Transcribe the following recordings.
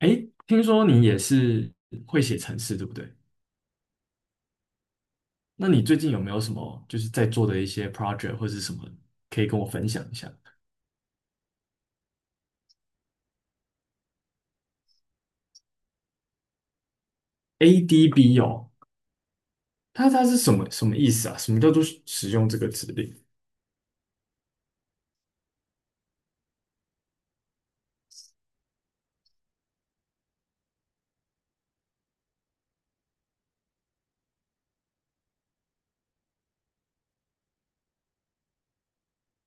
诶，听说你也是会写程式，对不对？那你最近有没有什么就是在做的一些 project 或是什么可以跟我分享一下？ADB 哦，它是什么意思啊？什么叫做使用这个指令？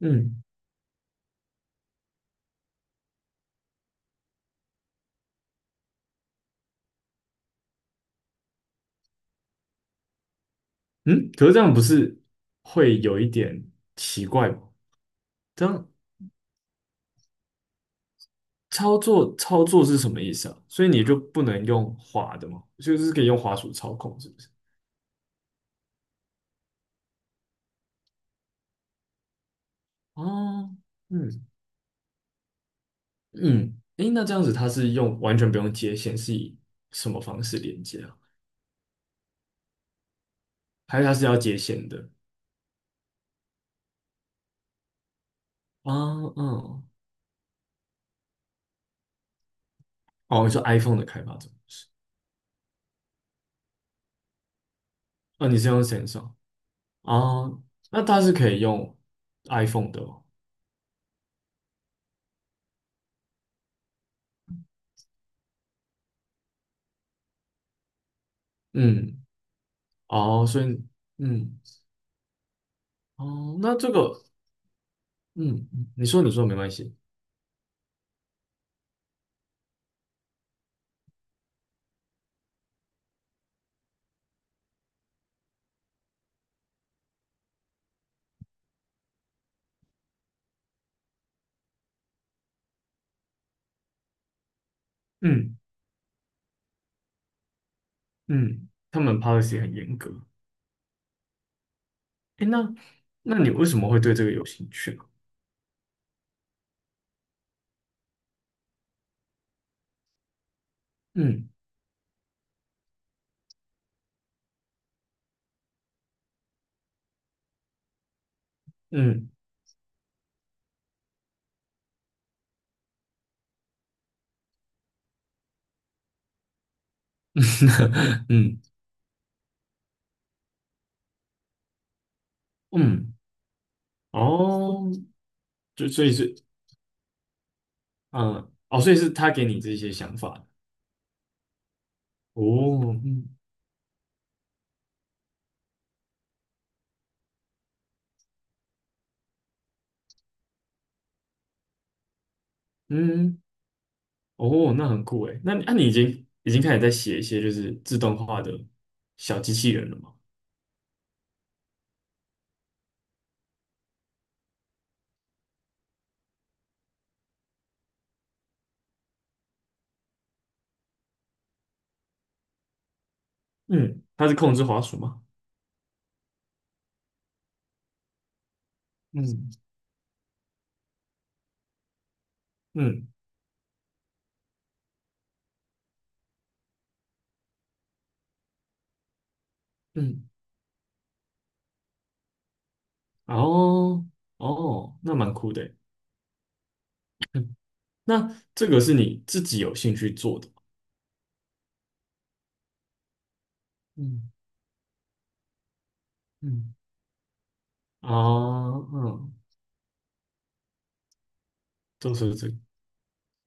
嗯嗯，可是这样不是会有一点奇怪吗？这样操作操作是什么意思啊？所以你就不能用滑的吗？就是可以用滑鼠操控，是不是？哦，嗯。嗯，诶，那这样子它是用完全不用接线，是以什么方式连接啊？还是它是要接线的？啊，嗯，哦，你说 iPhone 的开发者是？哦，你是用 Samsung 哦，那它是可以用 iPhone 的哦。嗯，哦，所以，嗯，哦，那这个，嗯，你说没关系。嗯嗯，他们 policy 很严格。诶，那你为什么会对这个有兴趣啊？嗯嗯 嗯嗯，哦。就所以是嗯哦，所以是他给你这些想法哦，嗯嗯哦，那很酷诶。那、你已经开始在写一些就是自动化的小机器人了吗？嗯，它是控制滑鼠吗？嗯嗯嗯，哦哦，那蛮酷的诶。嗯。那这个是你自己有兴趣做的吗？嗯嗯啊嗯，就是这个。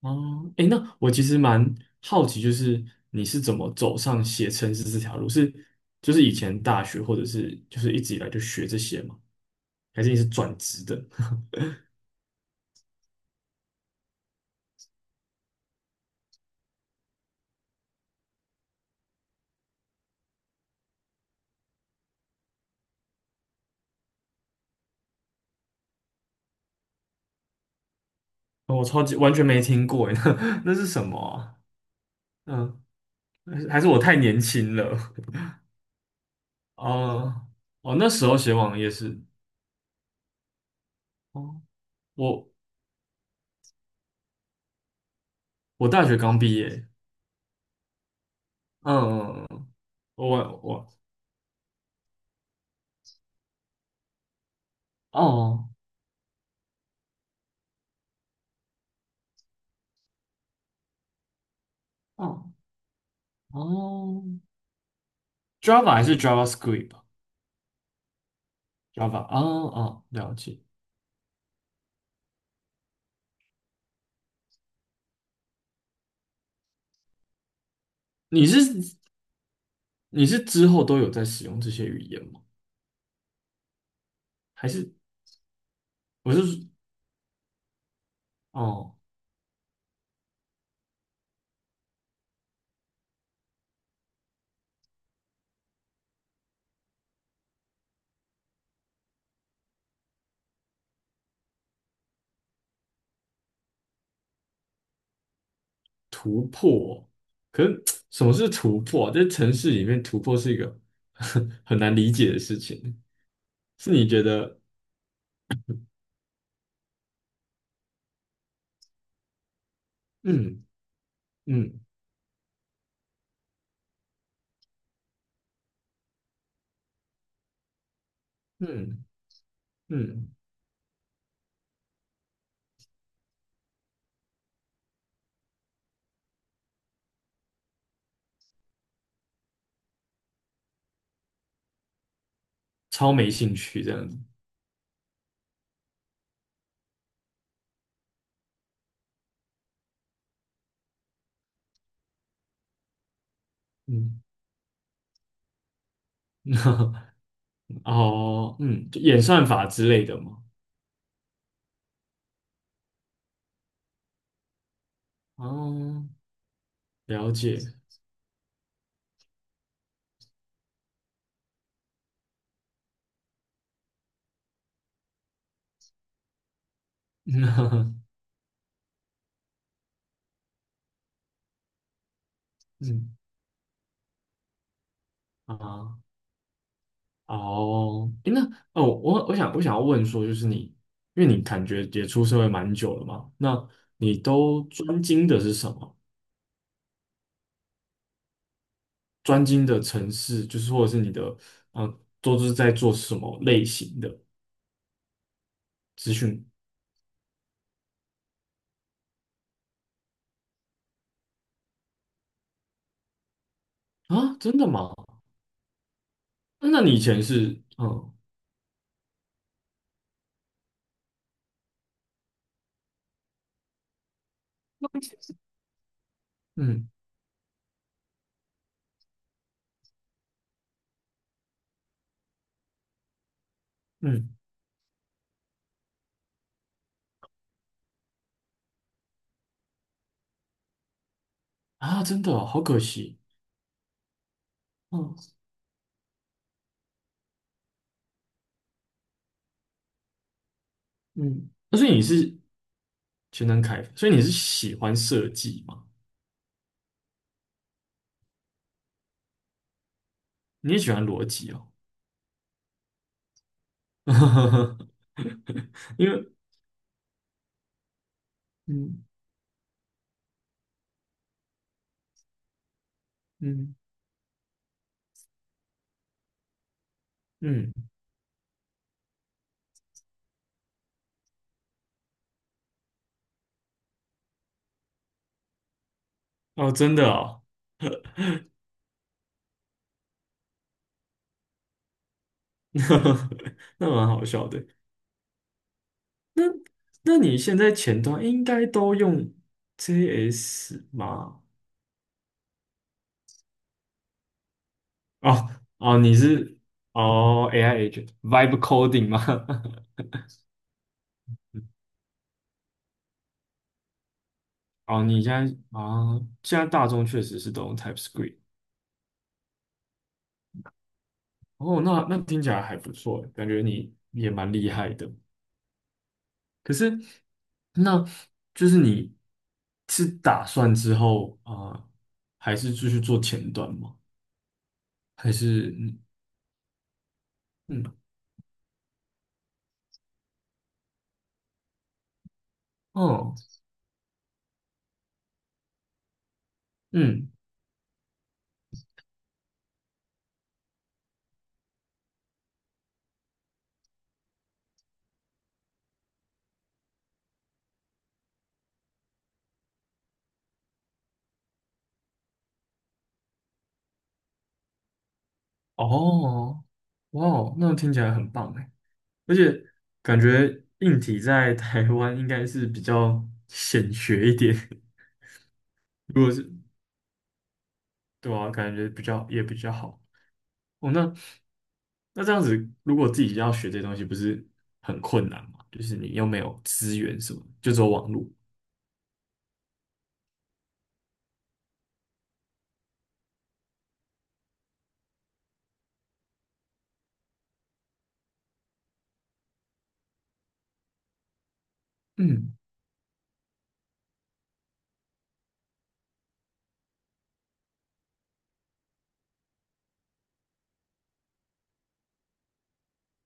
哦，诶，那我其实蛮好奇，就是你是怎么走上写程式这条路？是就是以前大学，或者是就是一直以来就学这些吗？还是你是转职的？哦我超级完全没听过，诶，那是什么啊嗯，还是我太年轻了？哦哦，那时候写网页是哦，我我大学刚毕业，嗯，嗯嗯我我哦哦哦，Java 还是 JavaScript？Java 啊哦，哦了解。你是你是之后都有在使用这些语言吗？还是我是说哦突破哦？可是 什么是突破啊在城市里面突破是一个 很难理解的事情。是你觉得嗯嗯嗯嗯超没兴趣这样子？嗯 哦嗯就演算法之类的吗？哦，了解。嗯啊。哦，诶那哦，我想要问说，就是你，因为你感觉也出社会蛮久了嘛，那你都专精的是什么？专精的城市就是或者是你的，嗯、都是在做什么类型的资讯啊？真的吗？那你以前是，嗯嗯嗯啊，真的哦好可惜，嗯嗯，那所以你是全能开发，所以你是喜欢设计吗？你也喜欢逻辑哦。因为嗯嗯嗯，哦，真的哦，那那蛮好笑的。那那你现在前端应该都用 JS 吗？哦哦，你是哦 AI agent vibe coding 吗？哦，你现在啊，现在大众确实是都用 TypeScript。哦，那听起来还不错欸，感觉你也蛮厉害的。可是，那就是你是打算之后啊，还是继续做前端吗？还是嗯嗯哦嗯哦哇哦，那听起来很棒哎，而且感觉硬体在台湾应该是比较显学一点，如果是对啊，感觉比较也比较好哦。那这样子，如果自己要学这些东西，不是很困难吗？就是你又没有资源什么，就走网路。嗯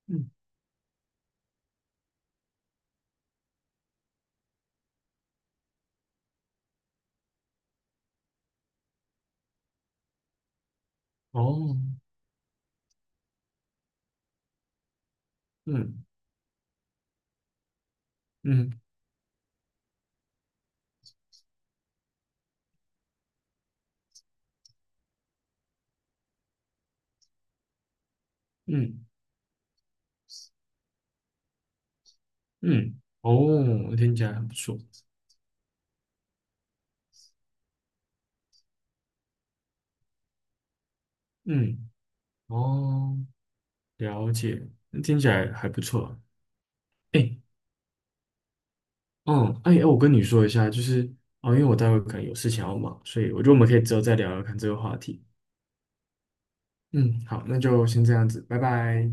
嗯哦嗯嗯嗯嗯哦，听起来很不错。嗯，哦，了解，听起来还不错。哎，嗯，哎，哎我跟你说一下，就是哦，因为我待会可能有事情要忙，所以我觉得我们可以之后再聊聊看这个话题。嗯，好，那就先这样子，拜拜。